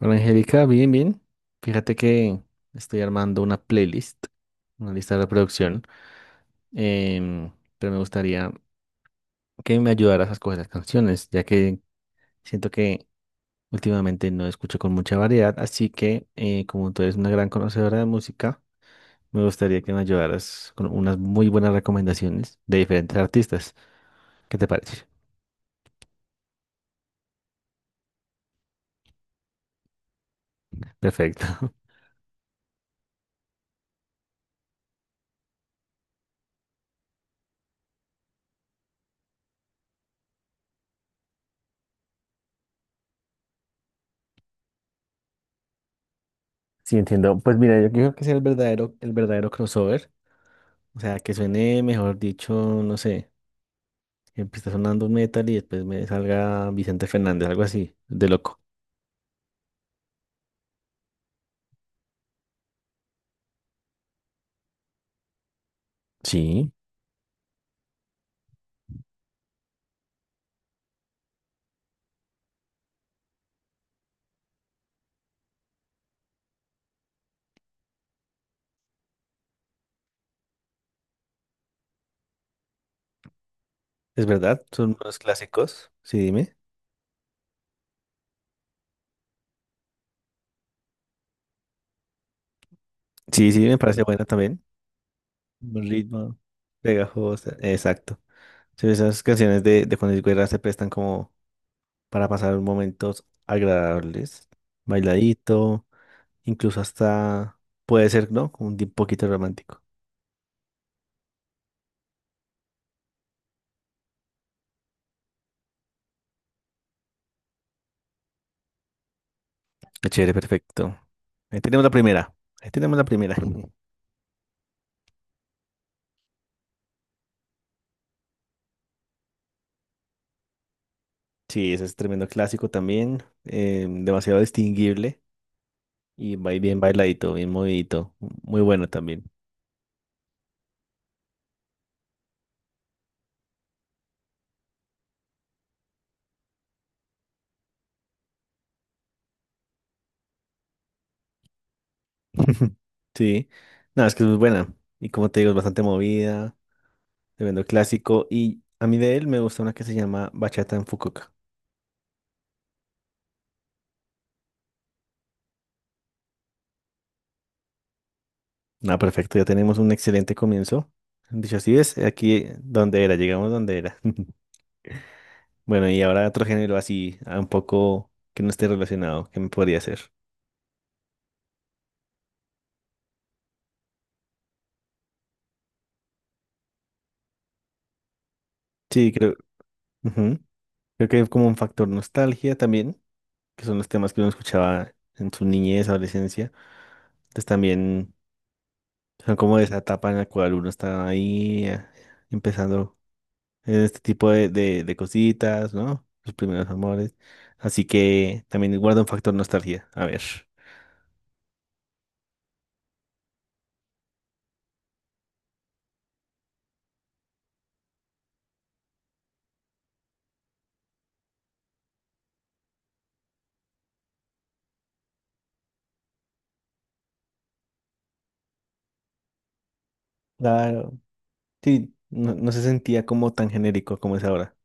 Hola Angélica, bien, bien. Fíjate que estoy armando una playlist, una lista de reproducción, em, pero me gustaría que me ayudaras a escoger las canciones, ya que siento que últimamente no escucho con mucha variedad, así que como tú eres una gran conocedora de música, me gustaría que me ayudaras con unas muy buenas recomendaciones de diferentes artistas. ¿Qué te parece? Perfecto. Sí, entiendo. Pues mira, yo creo que es el verdadero crossover, o sea, que suene, mejor dicho, no sé. Empieza sonando un metal y después me salga Vicente Fernández, algo así, de loco. Sí. Es verdad, son unos clásicos. Sí, dime. Sí, sí, me parece buena también. Buen ritmo, pegajosa. Exacto. Sí, esas canciones de Juan Luis Guerra se prestan como para pasar momentos agradables, bailadito, incluso hasta puede ser, ¿no? Como poquito romántico. Qué chévere, perfecto. Ahí tenemos la primera. Ahí tenemos la primera. Sí, ese es tremendo clásico también, demasiado distinguible y va bien bailadito, bien movidito, muy bueno también. Sí, no, es que es muy buena y como te digo, es bastante movida, tremendo clásico y a mí de él me gusta una que se llama Bachata en Fukuoka. Nada, perfecto, ya tenemos un excelente comienzo. Dicho así es, aquí donde era, llegamos donde era. Bueno, y ahora otro género así, un poco que no esté relacionado, que me podría hacer. Sí, creo, ujú. Creo que hay como un factor nostalgia también, que son los temas que uno escuchaba en su niñez, adolescencia. Entonces también son como esa etapa en la cual uno está ahí empezando en este tipo de cositas, ¿no? Los primeros amores. Así que también guarda un factor nostalgia. A ver. Claro. Sí, no, no se sentía como tan genérico como es ahora.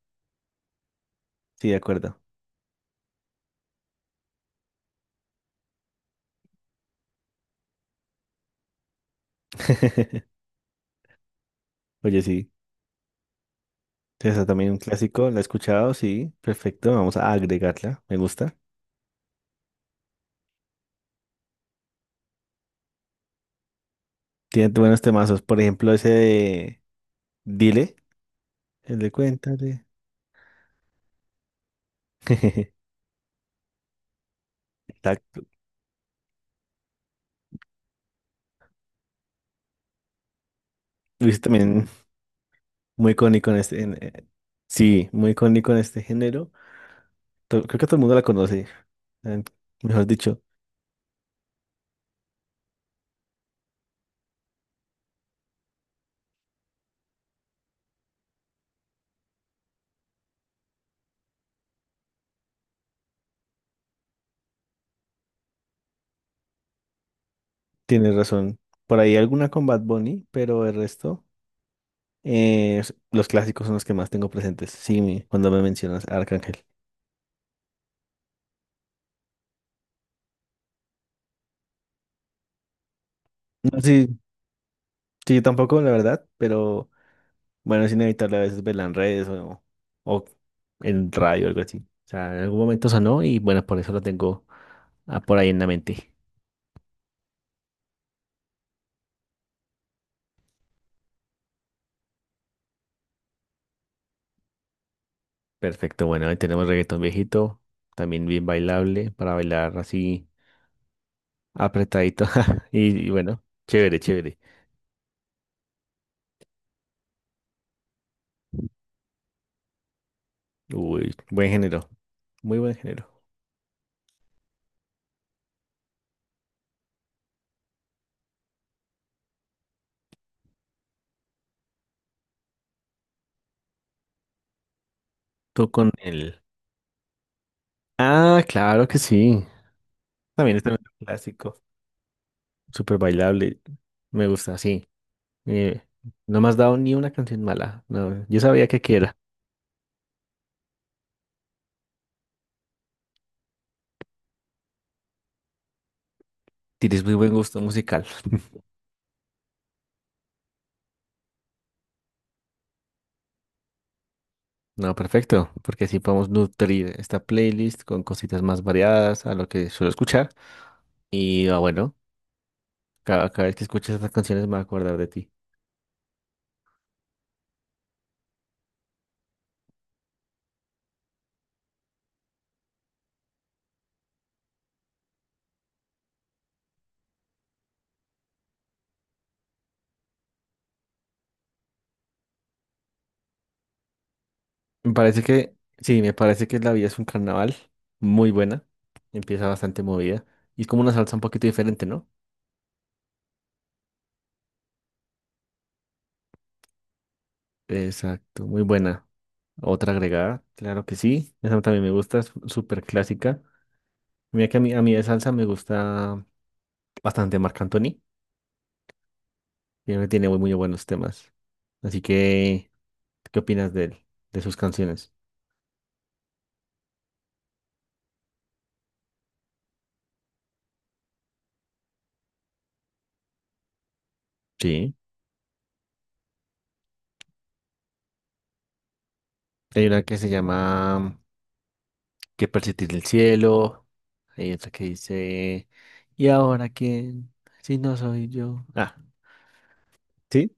Sí, de acuerdo. Oye, sí. Esa también un clásico, la he escuchado, sí, perfecto, vamos a agregarla, me gusta. Tiene buenos temazos, por ejemplo, ese de Dile, el de Cuéntale. Exacto. Luis también muy icónico en este. Sí, muy icónico en este género. Creo que todo el mundo la conoce. eh, Mejor dicho, tienes razón. Por ahí alguna con Bad Bunny, pero el resto, los clásicos son los que más tengo presentes. Sí, cuando me mencionas a Arcángel. No, sí, sí, yo tampoco, la verdad, pero. Bueno, es inevitable a veces verla en redes o en radio, algo así. O sea, en algún momento sonó y bueno, por eso lo tengo por ahí en la mente. Perfecto, bueno, ahí tenemos reggaetón viejito, también bien bailable, para bailar así apretadito. Y bueno, chévere, chévere. Uy, buen género, muy buen género. Tú con el... Ah, claro que sí. También es tremendo clásico, súper bailable. Me gusta, sí. Eh, no me has dado ni una canción mala. No, yo sabía que aquí era. Tienes muy buen gusto musical. No, perfecto, porque así podemos nutrir esta playlist con cositas más variadas a lo que suelo escuchar. Bueno, cada vez que escuches estas canciones me voy a acordar de ti. Me parece que, sí, me parece que La Vida es un carnaval muy buena. Empieza bastante movida. Y es como una salsa un poquito diferente, ¿no? Exacto, muy buena. Otra agregada, claro que sí. Esa también me gusta, es súper clásica. Mira que a mí de salsa me gusta bastante Marc Anthony. Tiene muy, muy buenos temas. Así que, ¿qué opinas de él, de sus canciones? Sí. Hay una que se llama Que persistir el cielo. Hay otra que dice ¿Y ahora quién? Si no soy yo. Ah, sí.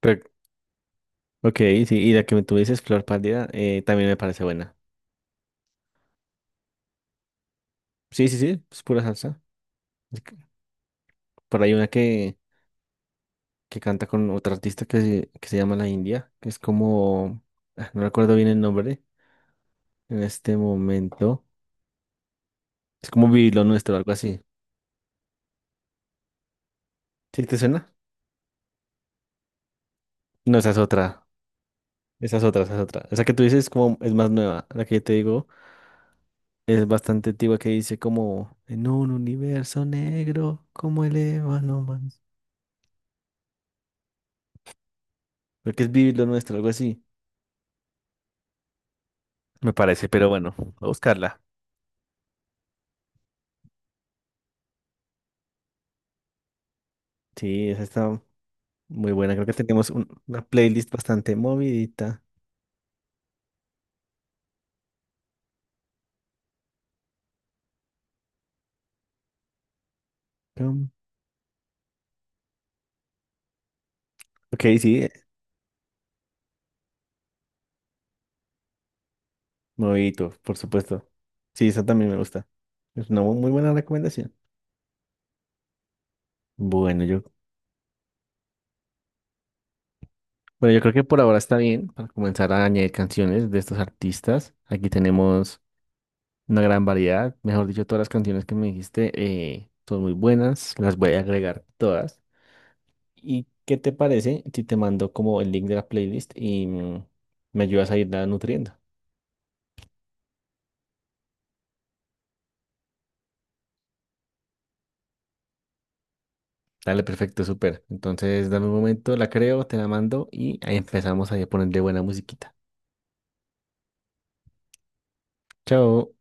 Pero, ok, sí. Y la que tú dices, Flor Pálida, también me parece buena. Sí, sí, sí. Es pura salsa. Es que por ahí hay una que canta con otra artista que se llama La India, que es como. No recuerdo bien el nombre en este momento. Es como Vivir lo nuestro, algo así. ¿Sí te suena? No, esa es otra. Esa es otra, esa es otra. Esa que tú dices es como es más nueva. La que yo te digo es bastante antigua, que dice como en un universo negro como el ébano más. Creo que es Vivir lo nuestro, algo así. Me parece, pero bueno, voy a buscarla. Sí, esa está muy buena. Creo que tenemos una playlist bastante movidita. Pum. Ok, sí, movidito, por supuesto. Sí, esa también me gusta. Es una muy buena recomendación. Bueno, yo. Bueno, yo creo que por ahora está bien para comenzar a añadir canciones de estos artistas. Aquí tenemos una gran variedad. Mejor dicho, todas las canciones que me dijiste son muy buenas. Las voy a agregar todas. ¿Y qué te parece si te mando como el link de la playlist y me ayudas a irla nutriendo? Dale, perfecto, súper. Entonces, dame un momento, la creo, te la mando y ahí empezamos ahí a ponerle buena musiquita. Chao.